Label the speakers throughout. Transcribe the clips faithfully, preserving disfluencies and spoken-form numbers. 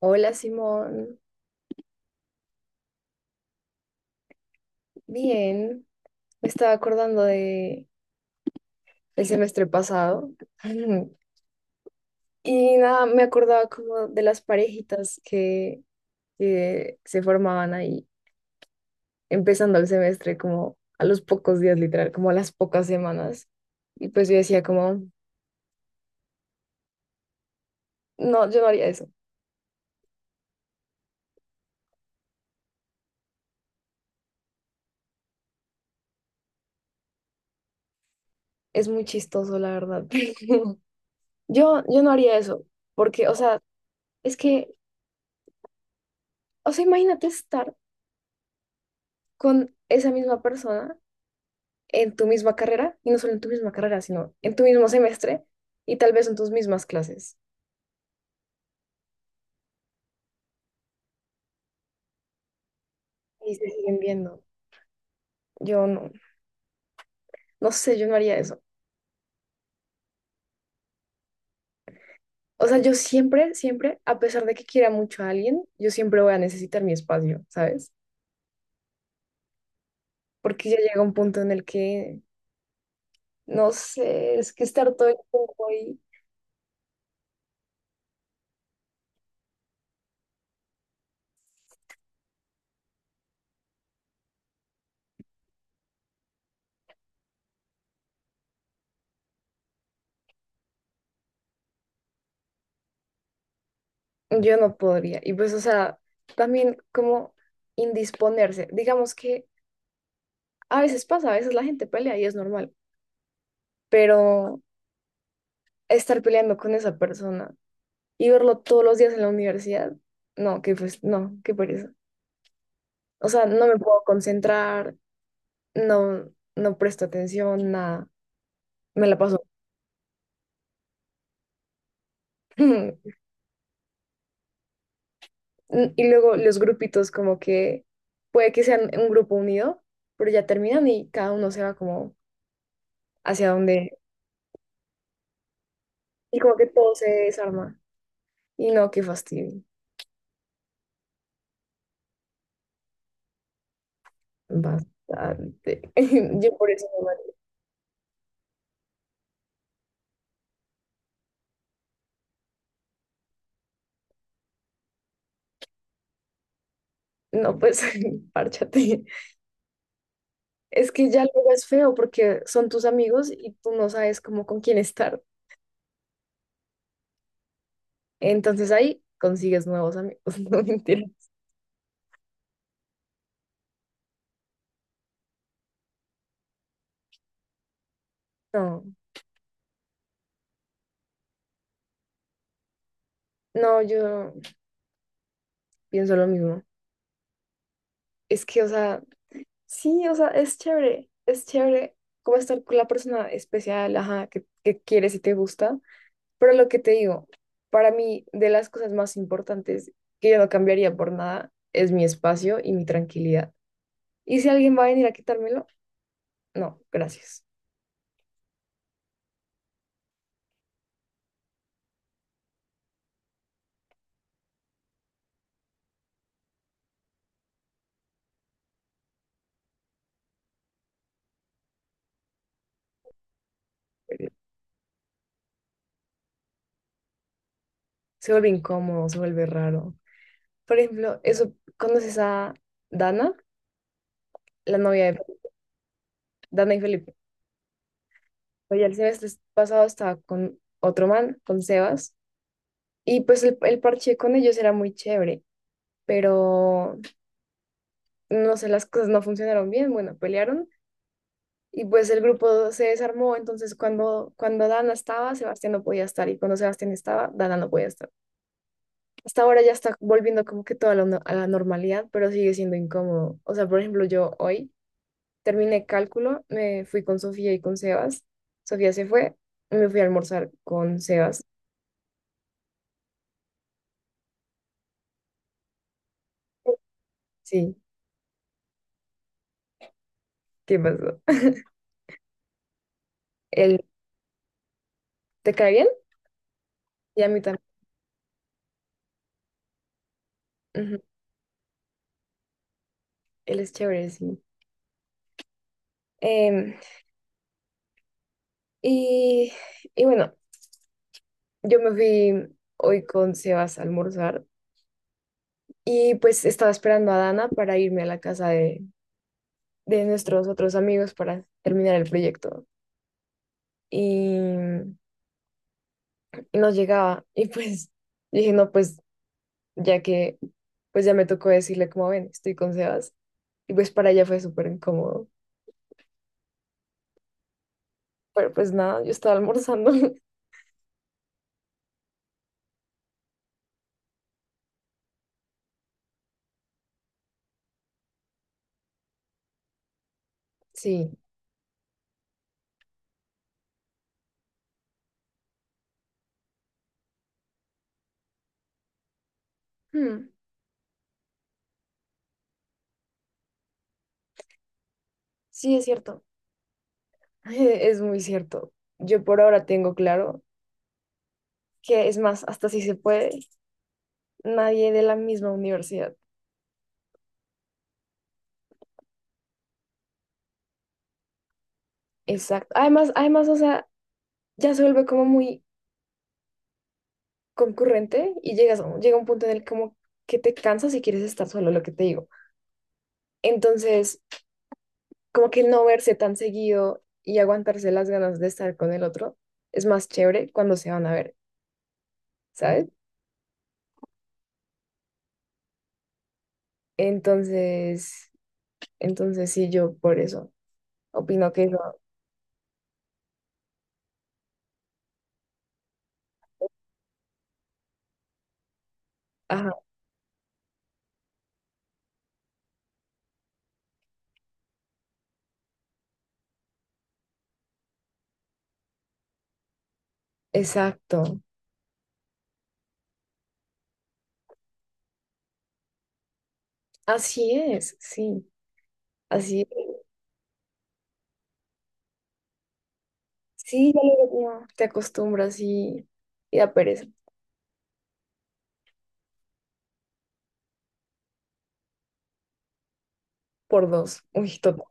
Speaker 1: Hola, Simón. Bien, me estaba acordando de el semestre pasado y nada, me acordaba como de las parejitas que, que se formaban ahí empezando el semestre como a los pocos días, literal, como a las pocas semanas. Y pues yo decía como, no, yo no haría eso. Es muy chistoso la verdad. Pero yo, yo no haría eso porque, o sea, es que, o sea, imagínate estar con esa misma persona en tu misma carrera, y no solo en tu misma carrera, sino en tu mismo semestre y tal vez en tus mismas clases. Y se siguen viendo. Yo no, no sé, yo no haría eso. O sea, yo siempre, siempre, a pesar de que quiera mucho a alguien, yo siempre voy a necesitar mi espacio, ¿sabes? Porque ya llega un punto en el que, no sé, es que estar todo el tiempo ahí, yo no podría. Y pues, o sea, también como indisponerse. Digamos que a veces pasa, a veces la gente pelea y es normal, pero estar peleando con esa persona y verlo todos los días en la universidad, no, que pues no, qué pereza. O sea, no me puedo concentrar, no, no presto atención, nada, me la paso. Y luego los grupitos, como que puede que sean un grupo unido, pero ya terminan y cada uno se va como hacia donde, y como que todo se desarma. Y no, qué fastidio. Bastante. Yo por eso no, no pues, párchate. Es que ya luego es feo porque son tus amigos y tú no sabes cómo, con quién estar. Entonces ahí consigues nuevos amigos. No, mentira. No, no, yo pienso lo mismo. Es que, o sea, sí, o sea, es chévere, es chévere como estar con la persona especial, ajá, que, que quieres y te gusta. Pero lo que te digo, para mí, de las cosas más importantes, que yo no cambiaría por nada, es mi espacio y mi tranquilidad. Y si alguien va a venir a quitármelo, no, gracias. Se vuelve incómodo, se vuelve raro. Por ejemplo, eso, ¿conoces a Dana? La novia de Dana y Felipe. Oye, el semestre pasado estaba con otro man, con Sebas, y pues el, el parche con ellos era muy chévere, pero no sé, las cosas no funcionaron bien, bueno, pelearon. Y pues el grupo se desarmó, entonces cuando, cuando Dana estaba, Sebastián no podía estar, y cuando Sebastián estaba, Dana no podía estar. Hasta ahora ya está volviendo como que toda la, a la normalidad, pero sigue siendo incómodo. O sea, por ejemplo, yo hoy terminé cálculo, me fui con Sofía y con Sebas. Sofía se fue, me fui a almorzar con Sebas. Sí, ¿qué pasó? Él, ¿te cae bien? Y a mí también. Ujú. Él es chévere, sí. Em, y, y bueno, yo me fui hoy con Sebas a almorzar, y pues estaba esperando a Dana para irme a la casa de, de nuestros otros amigos, para terminar el proyecto. Y, y no llegaba. Y pues dije, no, pues ya que, pues ya me tocó decirle como, ven, estoy con Sebas. Y pues para ella fue súper incómodo. Pero pues nada, yo estaba almorzando. Sí. Hmm, sí, es cierto. Es muy cierto. Yo por ahora tengo claro que es más, hasta si se puede, nadie de la misma universidad. Exacto. Además, además, o sea, ya se vuelve como muy concurrente y llegas, llega un punto en el como que te cansas y quieres estar solo, lo que te digo. Entonces, como que no verse tan seguido y aguantarse las ganas de estar con el otro es más chévere cuando se van a ver, ¿sabes? Entonces, entonces sí, yo por eso opino que eso, ajá, exacto, así es, sí, así es. Sí, ya luego no, te acostumbras y, y da pereza por dos, uy, total,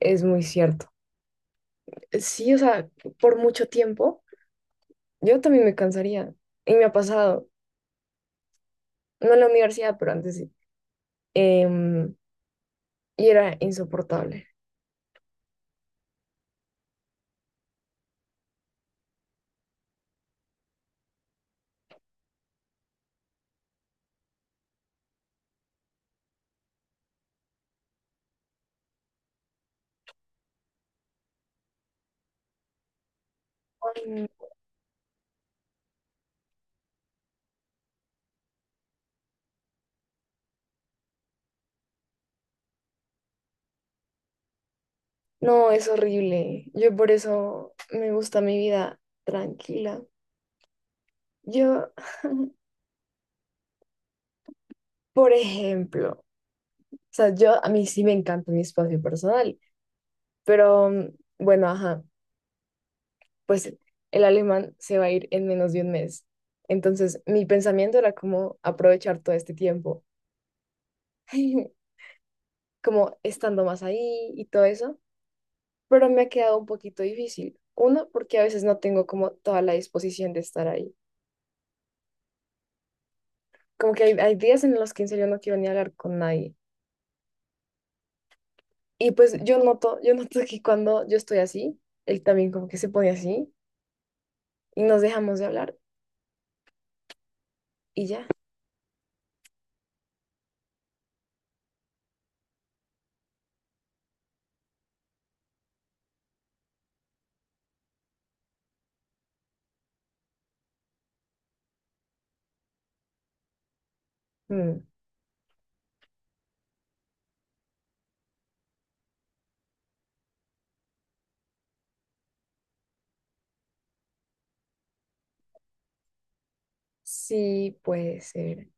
Speaker 1: es muy cierto. Sí, o sea, por mucho tiempo, yo también me cansaría y me ha pasado, no en la universidad, pero antes sí. Em, y era insoportable. Ay, no. No, es horrible. Yo por eso me gusta mi vida tranquila. Yo, por ejemplo, o sea, yo a mí sí me encanta mi espacio personal, pero mm, bueno, ajá, pues el alemán se va a ir en menos de un mes. Entonces, mi pensamiento era como aprovechar todo este tiempo, como estando más ahí y todo eso, pero me ha quedado un poquito difícil. Uno, porque a veces no tengo como toda la disposición de estar ahí. Como que hay, hay días en los que, en serio, no quiero ni hablar con nadie. Y pues yo noto, yo noto que cuando yo estoy así, él también como que se pone así y nos dejamos de hablar y ya. Mm, sí, puede ser.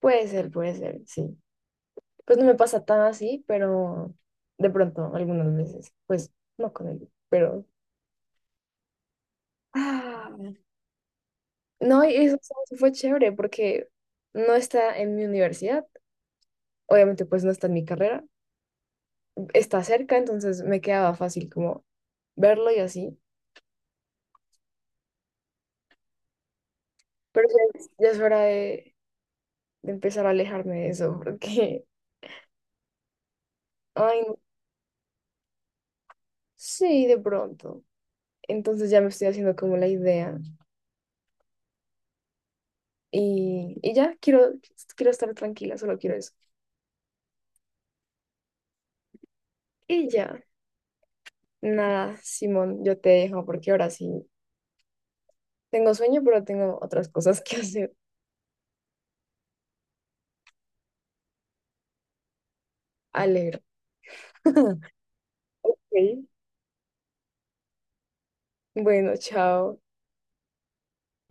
Speaker 1: Puede ser, puede ser, sí. Pues no me pasa tan así, pero de pronto, algunas veces, pues no con él, pero... Ah, no, y eso, eso fue chévere porque no está en mi universidad, obviamente pues no está en mi carrera, está cerca, entonces me quedaba fácil como verlo y así. Pero ya es, ya es hora de, de, empezar a alejarme de eso, porque, ay, no. Sí, de pronto. Entonces ya me estoy haciendo como la idea. Y, y ya, quiero, quiero estar tranquila, solo quiero eso. Y ya, nada, Simón, yo te dejo porque ahora sí tengo sueño, pero tengo otras cosas que hacer. Alegro. Ok. Bueno, chao.